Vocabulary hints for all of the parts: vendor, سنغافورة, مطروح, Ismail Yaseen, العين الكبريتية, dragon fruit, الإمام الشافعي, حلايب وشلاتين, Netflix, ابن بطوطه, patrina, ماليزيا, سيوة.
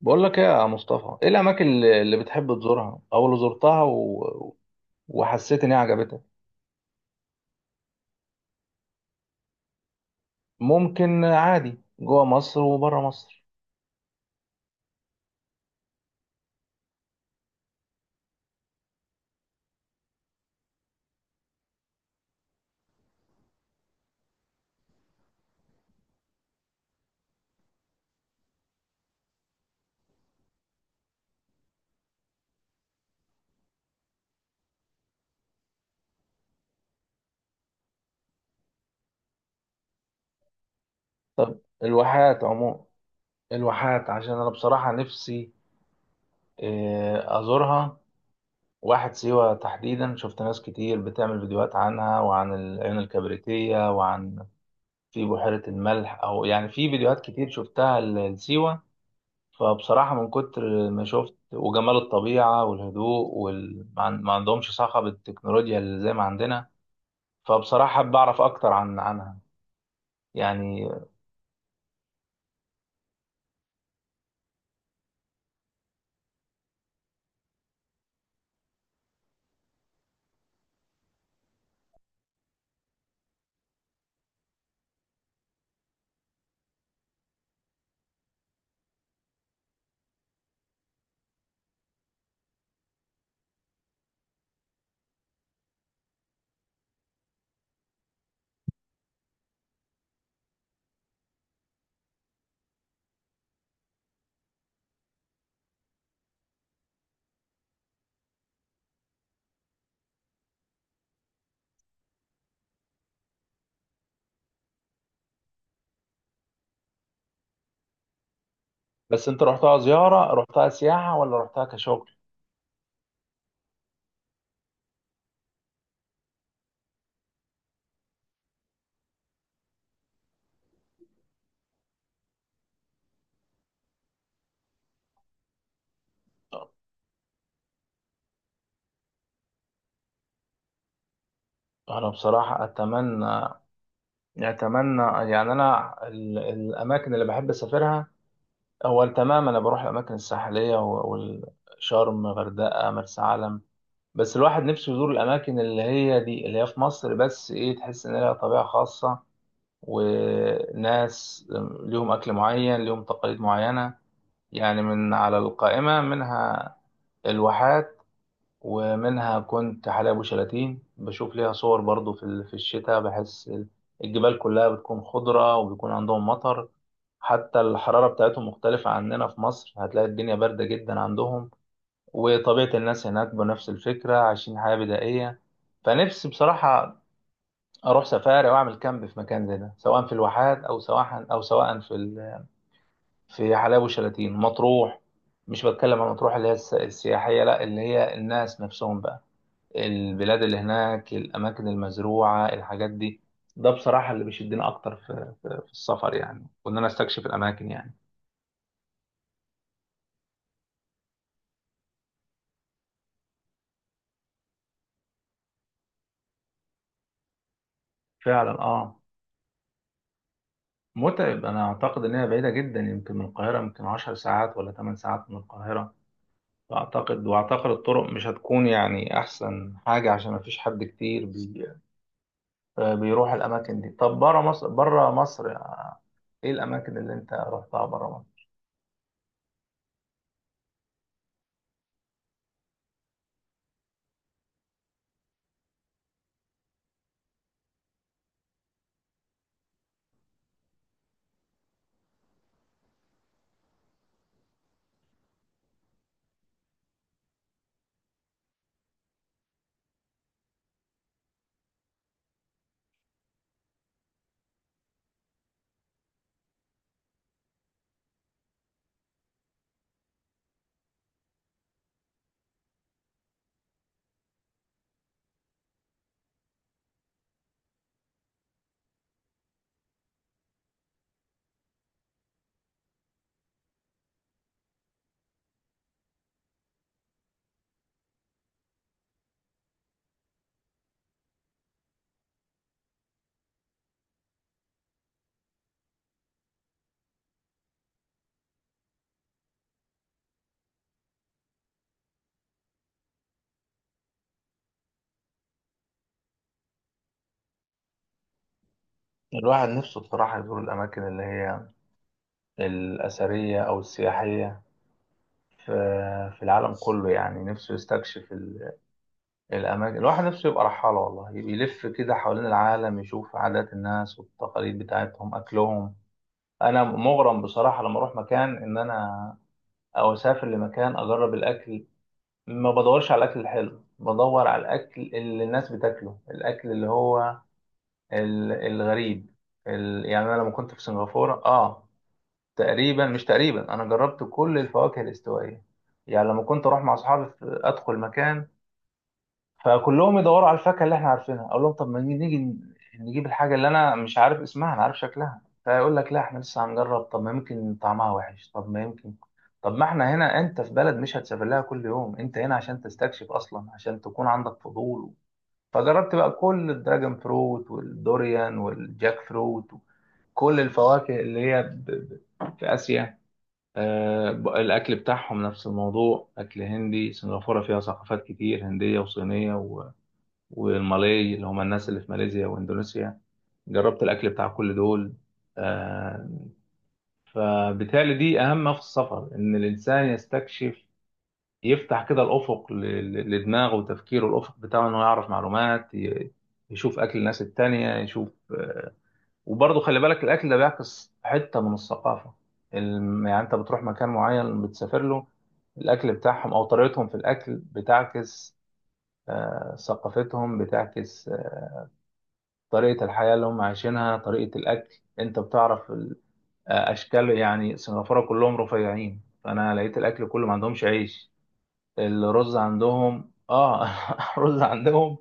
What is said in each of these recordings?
بقول لك ايه يا مصطفى، ايه الاماكن اللي بتحب تزورها او اللي زرتها و... وحسيت ان هي عجبتك. ممكن عادي جوه مصر وبره مصر. طب الواحات عموما، الواحات عشان انا بصراحة نفسي، ازورها. واحد سيوة تحديدا، شفت ناس كتير بتعمل فيديوهات عنها وعن العين الكبريتية في بحيرة الملح، او يعني في فيديوهات كتير شفتها لسيوة. فبصراحة من كتر ما شفت وجمال الطبيعة والهدوء ما عندهمش صخب التكنولوجيا اللي زي ما عندنا. فبصراحة بعرف أكتر عنها يعني. بس أنت رحتها زيارة، رحتها سياحة ولا رحتها كشغل؟ أنا بصراحة أتمنى. يعني أنا الأماكن اللي بحب أسافرها، أول تمام أنا بروح الأماكن الساحلية، و- والشرم غردقة مرسى علم. بس الواحد نفسه يزور الأماكن اللي هي دي، اللي هي في مصر، بس تحس إن لها طبيعة خاصة، وناس ليهم أكل معين، ليهم تقاليد معينة، يعني من على القائمة منها الواحات، ومنها كنت حلايب وشلاتين، بشوف ليها صور برضو في الشتاء، بحس الجبال كلها بتكون خضرة وبيكون عندهم مطر. حتى الحرارة بتاعتهم مختلفة عننا في مصر، هتلاقي الدنيا باردة جدا عندهم، وطبيعة الناس هناك بنفس الفكرة، عايشين حياة بدائية. فنفسي بصراحة أروح سفاري وأعمل كامب في مكان زي ده، سواء في الواحات أو سواء في حلايب وشلاتين، مطروح. مش بتكلم عن مطروح اللي هي السياحية، لا، اللي هي الناس نفسهم بقى، البلاد اللي هناك، الأماكن المزروعة، الحاجات دي. ده بصراحة اللي بيشدني أكتر في السفر، يعني وإن أنا أستكشف الأماكن يعني. فعلا، آه. متعب، أنا أعتقد إن هي بعيدة جدا، يمكن من القاهرة يمكن 10 ساعات ولا 8 ساعات من القاهرة. فأعتقد الطرق مش هتكون يعني أحسن حاجة، عشان مفيش حد كتير بيروح الأماكن دي. طب برا مصر، إيه الأماكن اللي أنت رحتها برا مصر؟ الواحد نفسه بصراحة يزور الأماكن اللي هي الأثرية أو السياحية في في العالم كله، يعني نفسه يستكشف الأماكن. الواحد نفسه يبقى رحالة والله، يلف كده حوالين العالم، يشوف عادات الناس والتقاليد بتاعتهم، أكلهم. أنا مغرم بصراحة لما أروح مكان، إن أنا أو أسافر لمكان، أجرب الأكل. ما بدورش على الأكل الحلو، بدور على الأكل اللي الناس بتاكله، الأكل اللي هو الغريب، يعني أنا لما كنت في سنغافورة، تقريبا، مش تقريبا، أنا جربت كل الفواكه الاستوائية. يعني لما كنت أروح مع أصحابي أدخل مكان، فكلهم يدوروا على الفاكهه اللي احنا عارفينها، اقول لهم طب ما نيجي، نيجي نجيب الحاجه اللي انا مش عارف اسمها، انا عارف شكلها. فيقول لك لا، احنا لسه هنجرب، طب ما يمكن طعمها وحش، طب ما يمكن. طب ما احنا هنا، انت في بلد مش هتسافر لها كل يوم، انت هنا عشان تستكشف اصلا، عشان تكون عندك فضول. فجربت بقى كل الدراجون فروت والدوريان والجاك فروت، كل الفواكه اللي هي في اسيا. الاكل بتاعهم نفس الموضوع، اكل هندي، سنغافوره فيها ثقافات كتير هنديه وصينيه، والمالاي اللي هم الناس اللي في ماليزيا واندونيسيا، جربت الاكل بتاع كل دول. آه، فبالتالي دي اهم في السفر، ان الانسان يستكشف، يفتح كده الافق لدماغه وتفكيره، الافق بتاعه انه يعرف معلومات، يشوف اكل الناس التانية، يشوف. وبرضه خلي بالك الاكل ده بيعكس حتة من الثقافة يعني انت بتروح مكان معين، بتسافر له، الاكل بتاعهم او طريقتهم في الاكل بتعكس، ثقافتهم بتعكس، طريقة الحياة اللي هم عايشينها، طريقة الأكل، أنت بتعرف أشكال، يعني سنغافورة كلهم رفيعين، فأنا لقيت الأكل كله ما عندهمش عيش. الرز عندهم، رز عندهم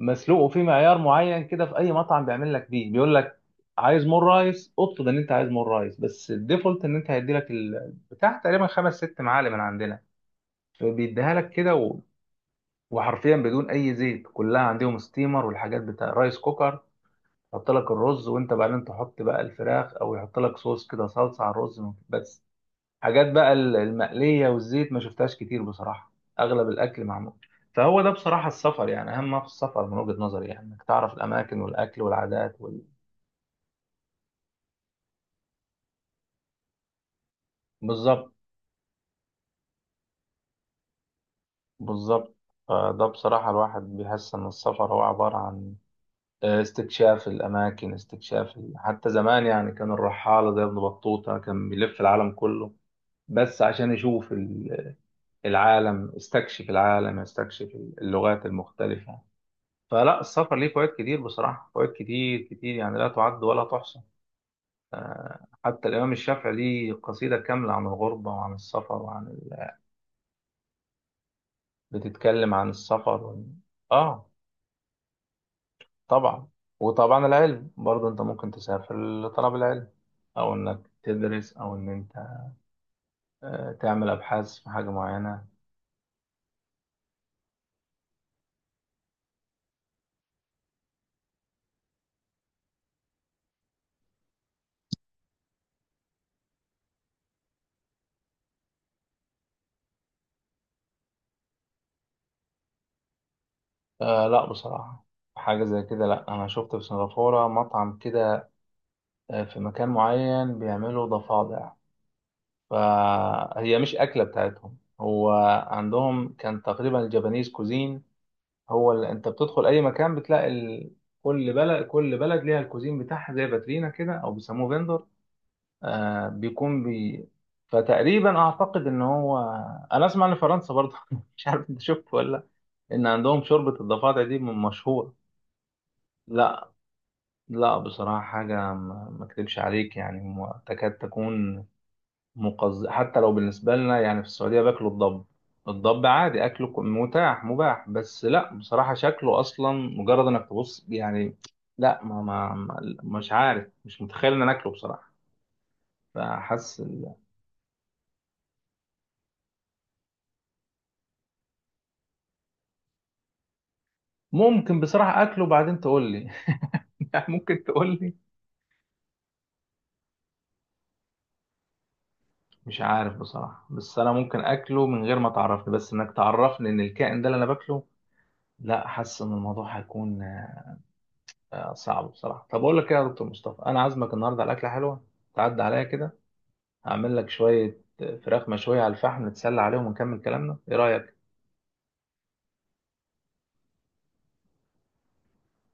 مسلوق، وفي معيار معين كده في أي مطعم بيعمل لك بيه، بيقول لك عايز مور رايس، اطلب ان انت عايز مور رايس، بس الديفولت ان انت هيدي لك البتاع تقريبا 5 6 معالق من عندنا، فبيديها لك كده و... وحرفيا بدون اي زيت، كلها عندهم ستيمر والحاجات بتاع رايس كوكر، يحط لك الرز وانت بعدين تحط بقى الفراخ، او يحط لك صوص كده، صلصه على الرز بس. حاجات بقى المقليه والزيت ما شفتهاش كتير بصراحه، اغلب الاكل معمول. فهو ده بصراحه السفر، يعني اهم ما في السفر من وجهه نظري، يعني انك تعرف الاماكن والاكل والعادات بالظبط. بالظبط. فده بصراحه الواحد بيحس ان السفر هو عباره عن استكشاف الاماكن، استكشاف حتى زمان يعني كان الرحاله زي ابن بطوطه كان بيلف العالم كله، بس عشان يشوف العالم، استكشف العالم، استكشف اللغات المختلفة. فلا السفر ليه فوائد كتير بصراحة، فوائد كتير كتير يعني، لا تعد ولا تحصى. حتى الإمام الشافعي ليه قصيدة كاملة عن الغربة وعن السفر وعن بتتكلم عن السفر آه، طبعا. وطبعا العلم برضه، أنت ممكن تسافر لطلب العلم، أو إنك تدرس، أو إن أنت تعمل أبحاث في حاجة معينة. آه، لا بصراحة. حاجة زي كده، لا. أنا شفت في سنغافورة مطعم كده، في مكان معين بيعملوا ضفادع، فهي مش أكلة بتاعتهم. هو عندهم كان تقريبا الجابانيز كوزين، هو اللي انت بتدخل اي مكان بتلاقي كل بلد كل بلد ليها الكوزين بتاعها، زي باترينا كده او بيسموه فيندور. بيكون فتقريبا اعتقد ان هو، انا اسمع ان فرنسا برضه مش عارف انت شفت ولا لأ، ان عندهم شوربة الضفادع دي مشهورة. لا، لا بصراحة، حاجة ما اكذبش عليك يعني، تكاد تكون حتى لو بالنسبة لنا يعني في السعودية باكلوا الضب. الضب عادي أكله متاح مباح، بس لا بصراحة شكله أصلا مجرد إنك تبص يعني. لا، ما مش عارف، مش متخيل إن أنا أكله بصراحة. فحاسس ممكن بصراحة أكله بعدين تقول لي. ممكن تقول لي. مش عارف بصراحة، بس أنا ممكن أكله من غير ما تعرفني، بس إنك تعرفني إن الكائن ده اللي أنا باكله. لا، حاسس إن الموضوع هيكون صعب بصراحة. طب أقول لك إيه يا دكتور مصطفى، أنا عازمك النهاردة على أكلة حلوة، تعدي عليا كده، أعمل لك شوية فراخ مشوية على الفحم، نتسلى عليهم ونكمل كلامنا، إيه رأيك؟